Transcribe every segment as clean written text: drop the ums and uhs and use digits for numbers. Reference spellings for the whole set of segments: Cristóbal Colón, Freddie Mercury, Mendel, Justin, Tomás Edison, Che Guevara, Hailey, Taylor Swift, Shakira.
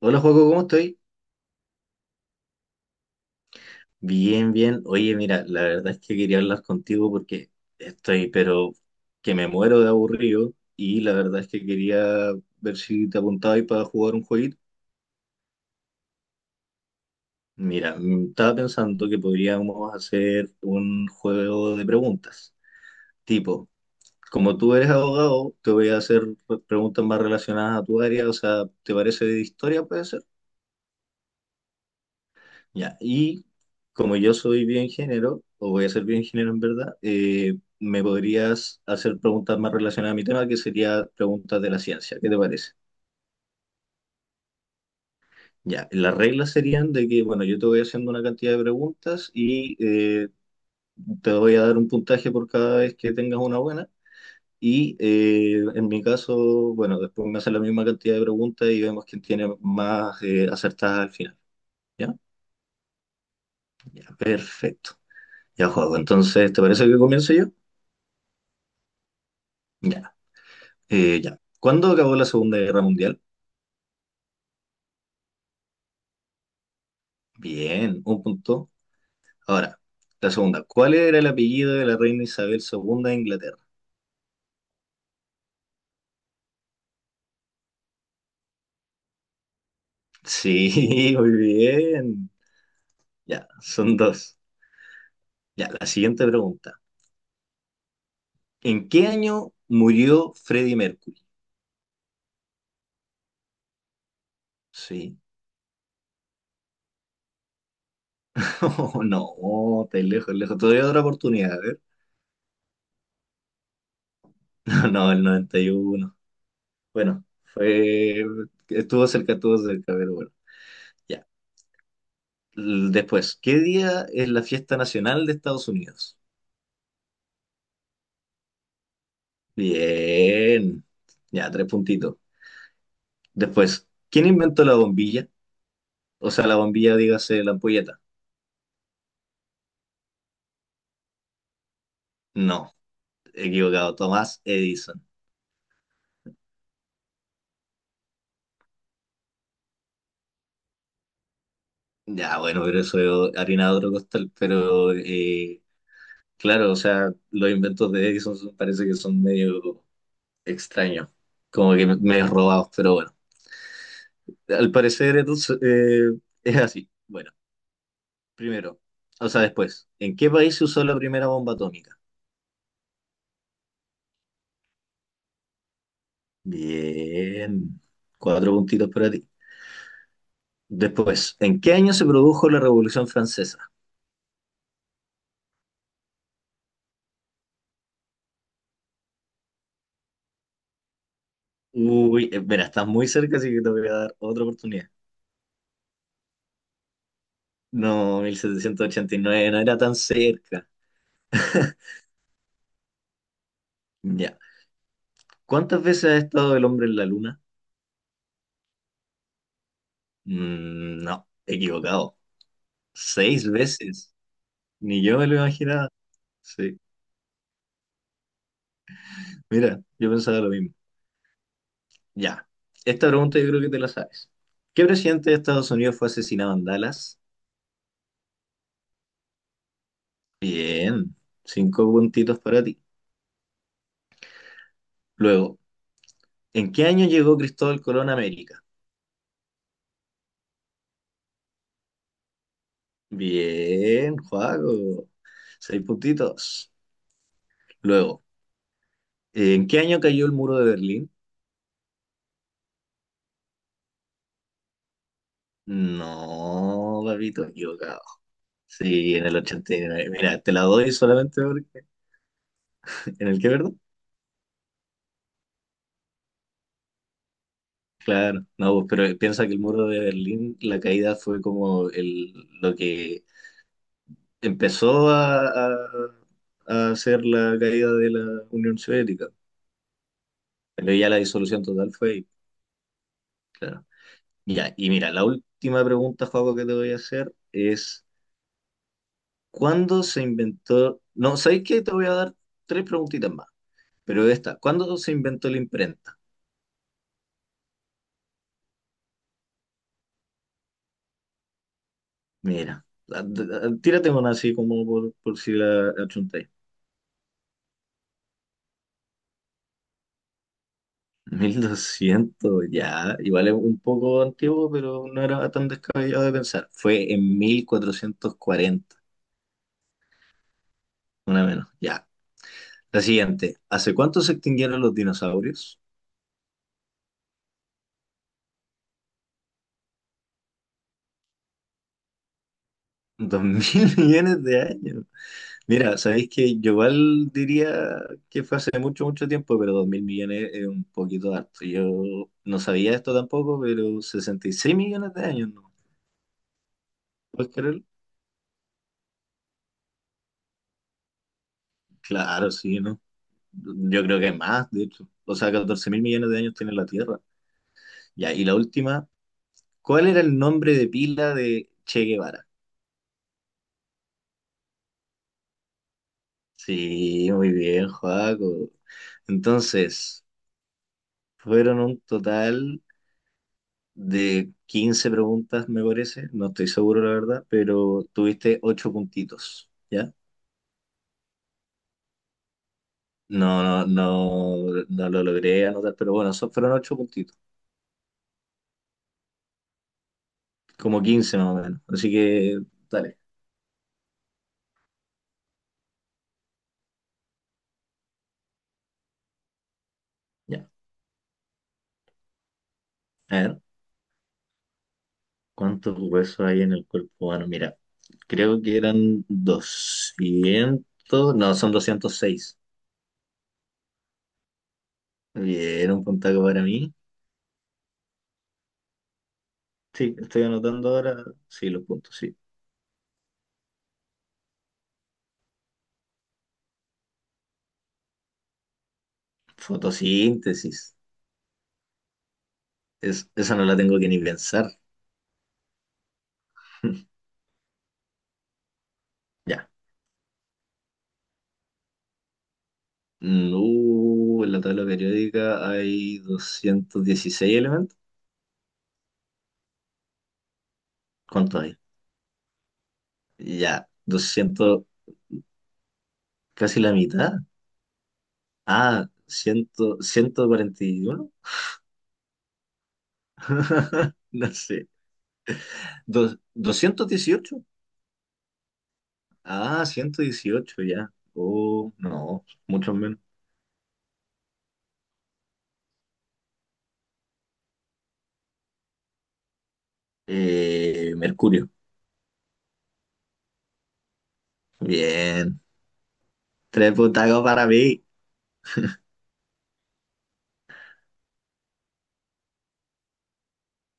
Hola, Juaco, ¿cómo estoy? Bien, bien. Oye, mira, la verdad es que quería hablar contigo porque estoy, pero que me muero de aburrido y la verdad es que quería ver si te apuntabas para jugar un jueguito. Mira, estaba pensando que podríamos hacer un juego de preguntas. Tipo, como tú eres abogado, te voy a hacer preguntas más relacionadas a tu área. O sea, ¿te parece de historia, pues? Ya, y como yo soy bioingeniero, o voy a ser bioingeniero en verdad, me podrías hacer preguntas más relacionadas a mi tema, que sería preguntas de la ciencia. ¿Qué te parece? Ya, las reglas serían de que, bueno, yo te voy haciendo una cantidad de preguntas y te voy a dar un puntaje por cada vez que tengas una buena. Y en mi caso, bueno, después me hacen la misma cantidad de preguntas y vemos quién tiene más acertadas al final. ¿Ya? Ya, perfecto. Ya, juego. Entonces, ¿te parece que comience yo? Ya. Ya. ¿Cuándo acabó la Segunda Guerra Mundial? Bien, un punto. Ahora, la segunda. ¿Cuál era el apellido de la reina Isabel II de Inglaterra? Sí, muy bien. Ya, son dos. Ya, la siguiente pregunta. ¿En qué año murió Freddie Mercury? Sí. Oh, no, estáis lejos, lejos. Todavía otra oportunidad, a ver. No, no, el 91. Bueno, fue... estuvo cerca, pero bueno. Ya. Después, ¿qué día es la fiesta nacional de Estados Unidos? Bien, ya, tres puntitos. Después, ¿quién inventó la bombilla? O sea, la bombilla, dígase, la ampolleta. No, equivocado, Tomás Edison. Ya, bueno, pero eso es harina de otro costal, pero claro, o sea, los inventos de Edison son- parece que son medio extraños, como que medio robados, pero bueno, al parecer entonces es así. Bueno. Primero, o sea, después, ¿en qué país se usó la primera bomba atómica? Bien, cuatro puntitos para ti. Después, ¿en qué año se produjo la Revolución Francesa? Uy, mira, estás muy cerca, así que te voy a dar otra oportunidad. No, 1789. No era tan cerca. Ya. ¿Cuántas veces ha estado el hombre en la luna? Mm, no, equivocado. Seis veces. Ni yo me lo imaginaba. Sí, mira, yo pensaba lo mismo. Ya, esta pregunta yo creo que te la sabes. ¿Qué presidente de Estados Unidos fue asesinado en Dallas? Bien, cinco puntitos para ti. Luego, ¿en qué año llegó Cristóbal Colón a América? Bien, Juaco, seis puntitos. Luego, ¿en qué año cayó el muro de Berlín? No, papito, equivocado. Sí, en el 89. Mira, te la doy solamente porque... ¿En el qué, verdad? Claro, no, pues, pero piensa que el muro de Berlín, la caída fue como el, lo que empezó a hacer la caída de la Unión Soviética, pero ya la disolución total fue ahí, claro. Ya, y mira, la última pregunta, Joaco, que te voy a hacer es, ¿cuándo se inventó? No, sabéis qué? Te voy a dar tres preguntitas más, pero esta, ¿cuándo se inventó la imprenta? Mira, tírate una así como por si la achuntáis. 1200 ya, igual es un poco antiguo, pero no era tan descabellado de pensar. Fue en 1440. Una menos. Ya. La siguiente. ¿Hace cuánto se extinguieron los dinosaurios? Dos mil millones de años. Mira, sabéis que yo igual diría que fue hace mucho, mucho tiempo, pero dos mil millones es un poquito harto. Yo no sabía esto tampoco, pero 66 millones de años, ¿no? ¿Puedes creerlo? Claro, sí, ¿no? Yo creo que más, de hecho. O sea, 14 mil millones de años tiene la Tierra. Ya, y la última. ¿Cuál era el nombre de pila de Che Guevara? Sí, muy bien, Joaco. Entonces, fueron un total de 15 preguntas, me parece. No estoy seguro, la verdad, pero tuviste 8 puntitos, ¿ya? No, no, no, no lo logré anotar, pero bueno, son, fueron 8 puntitos, como 15 más o menos. Así que, dale, ya. A ver, ¿cuántos huesos hay en el cuerpo humano? Mira, creo que eran 200, no, son 206. Bien, un puntaco para mí. Sí, estoy anotando ahora. Sí, los puntos, sí. Fotosíntesis. Es, esa no la tengo que ni pensar. Ya. Mm, en la tabla periódica hay 216 elementos. ¿Cuántos hay? Ya, 200. Casi la mitad. Ah, 100, ciento cuarenta y uno. No sé. 218. Ah, 118. Ya. Oh, no, mucho menos. Mercurio. Bien. Tres butacos para mí.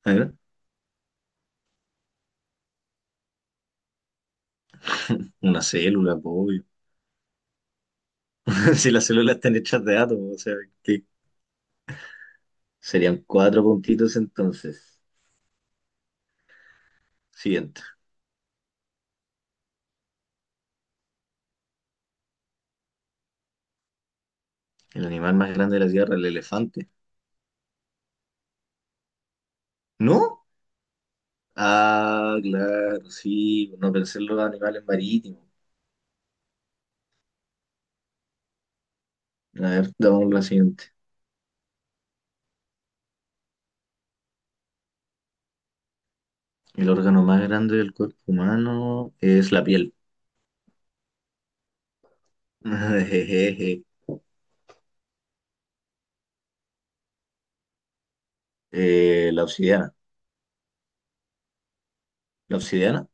¿Eh? Una célula, po, obvio. Si las células están hechas de átomos, o sea, ¿qué? Serían cuatro puntitos entonces. Siguiente. El animal más grande de la Tierra, el elefante. ¿No? Ah, claro, sí. No pensé en los animales marítimos. A ver, damos la siguiente. El órgano más grande del cuerpo humano es la piel. Jejeje. La obsidiana. ¿La obsidiana?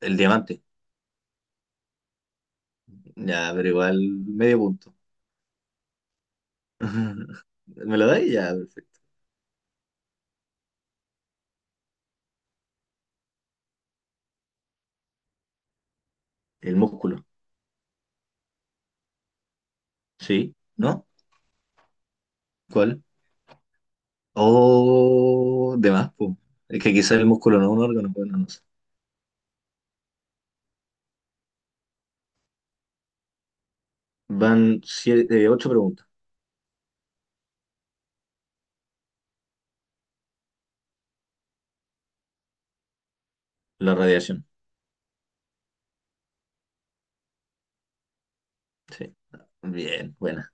El diamante. Ya, pero igual medio punto. ¿Me lo dais? Ya, perfecto. El músculo. Sí, ¿no? ¿Cuál? Oh, de más, po. Es que quizás el músculo no es un órgano, bueno, no no sé. Van siete, ocho preguntas. La radiación. Sí. Bien, buena.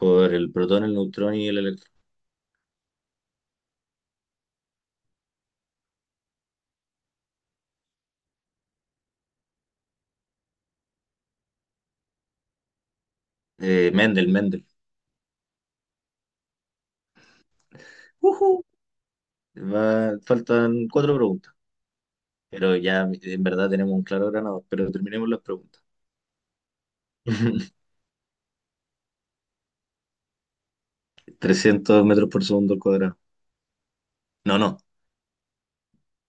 Por el protón, el neutrón y el electrón. Mendel, Mendel. Ujú. Faltan cuatro preguntas. Pero ya en verdad tenemos un claro ganador. Pero terminemos las preguntas. 300 metros por segundo al cuadrado. No, no.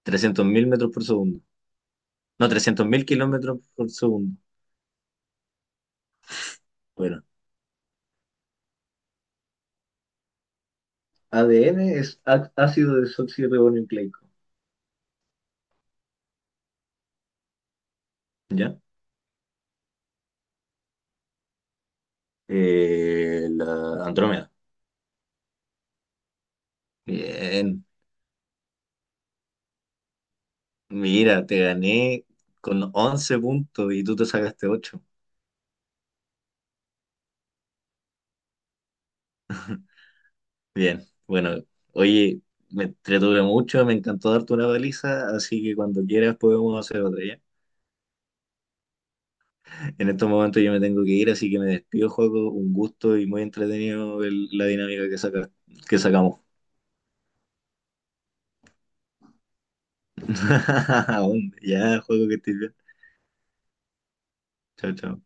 300.000 metros por segundo. No, 300.000 kilómetros por segundo. Bueno, ADN es ácido desoxirribonucleico. ¿Ya? La Andrómeda. Bien. Mira, te gané con 11 puntos y tú te sacaste 8. Bien. Bueno, oye, me entretuve mucho, me encantó darte una baliza, así que cuando quieras podemos hacer otra, ¿ya? En estos momentos yo me tengo que ir, así que me despido, juego. Un gusto y muy entretenido el- la dinámica que saca, que sacamos. Aún, ya, juego que estés bien. Chao, chao.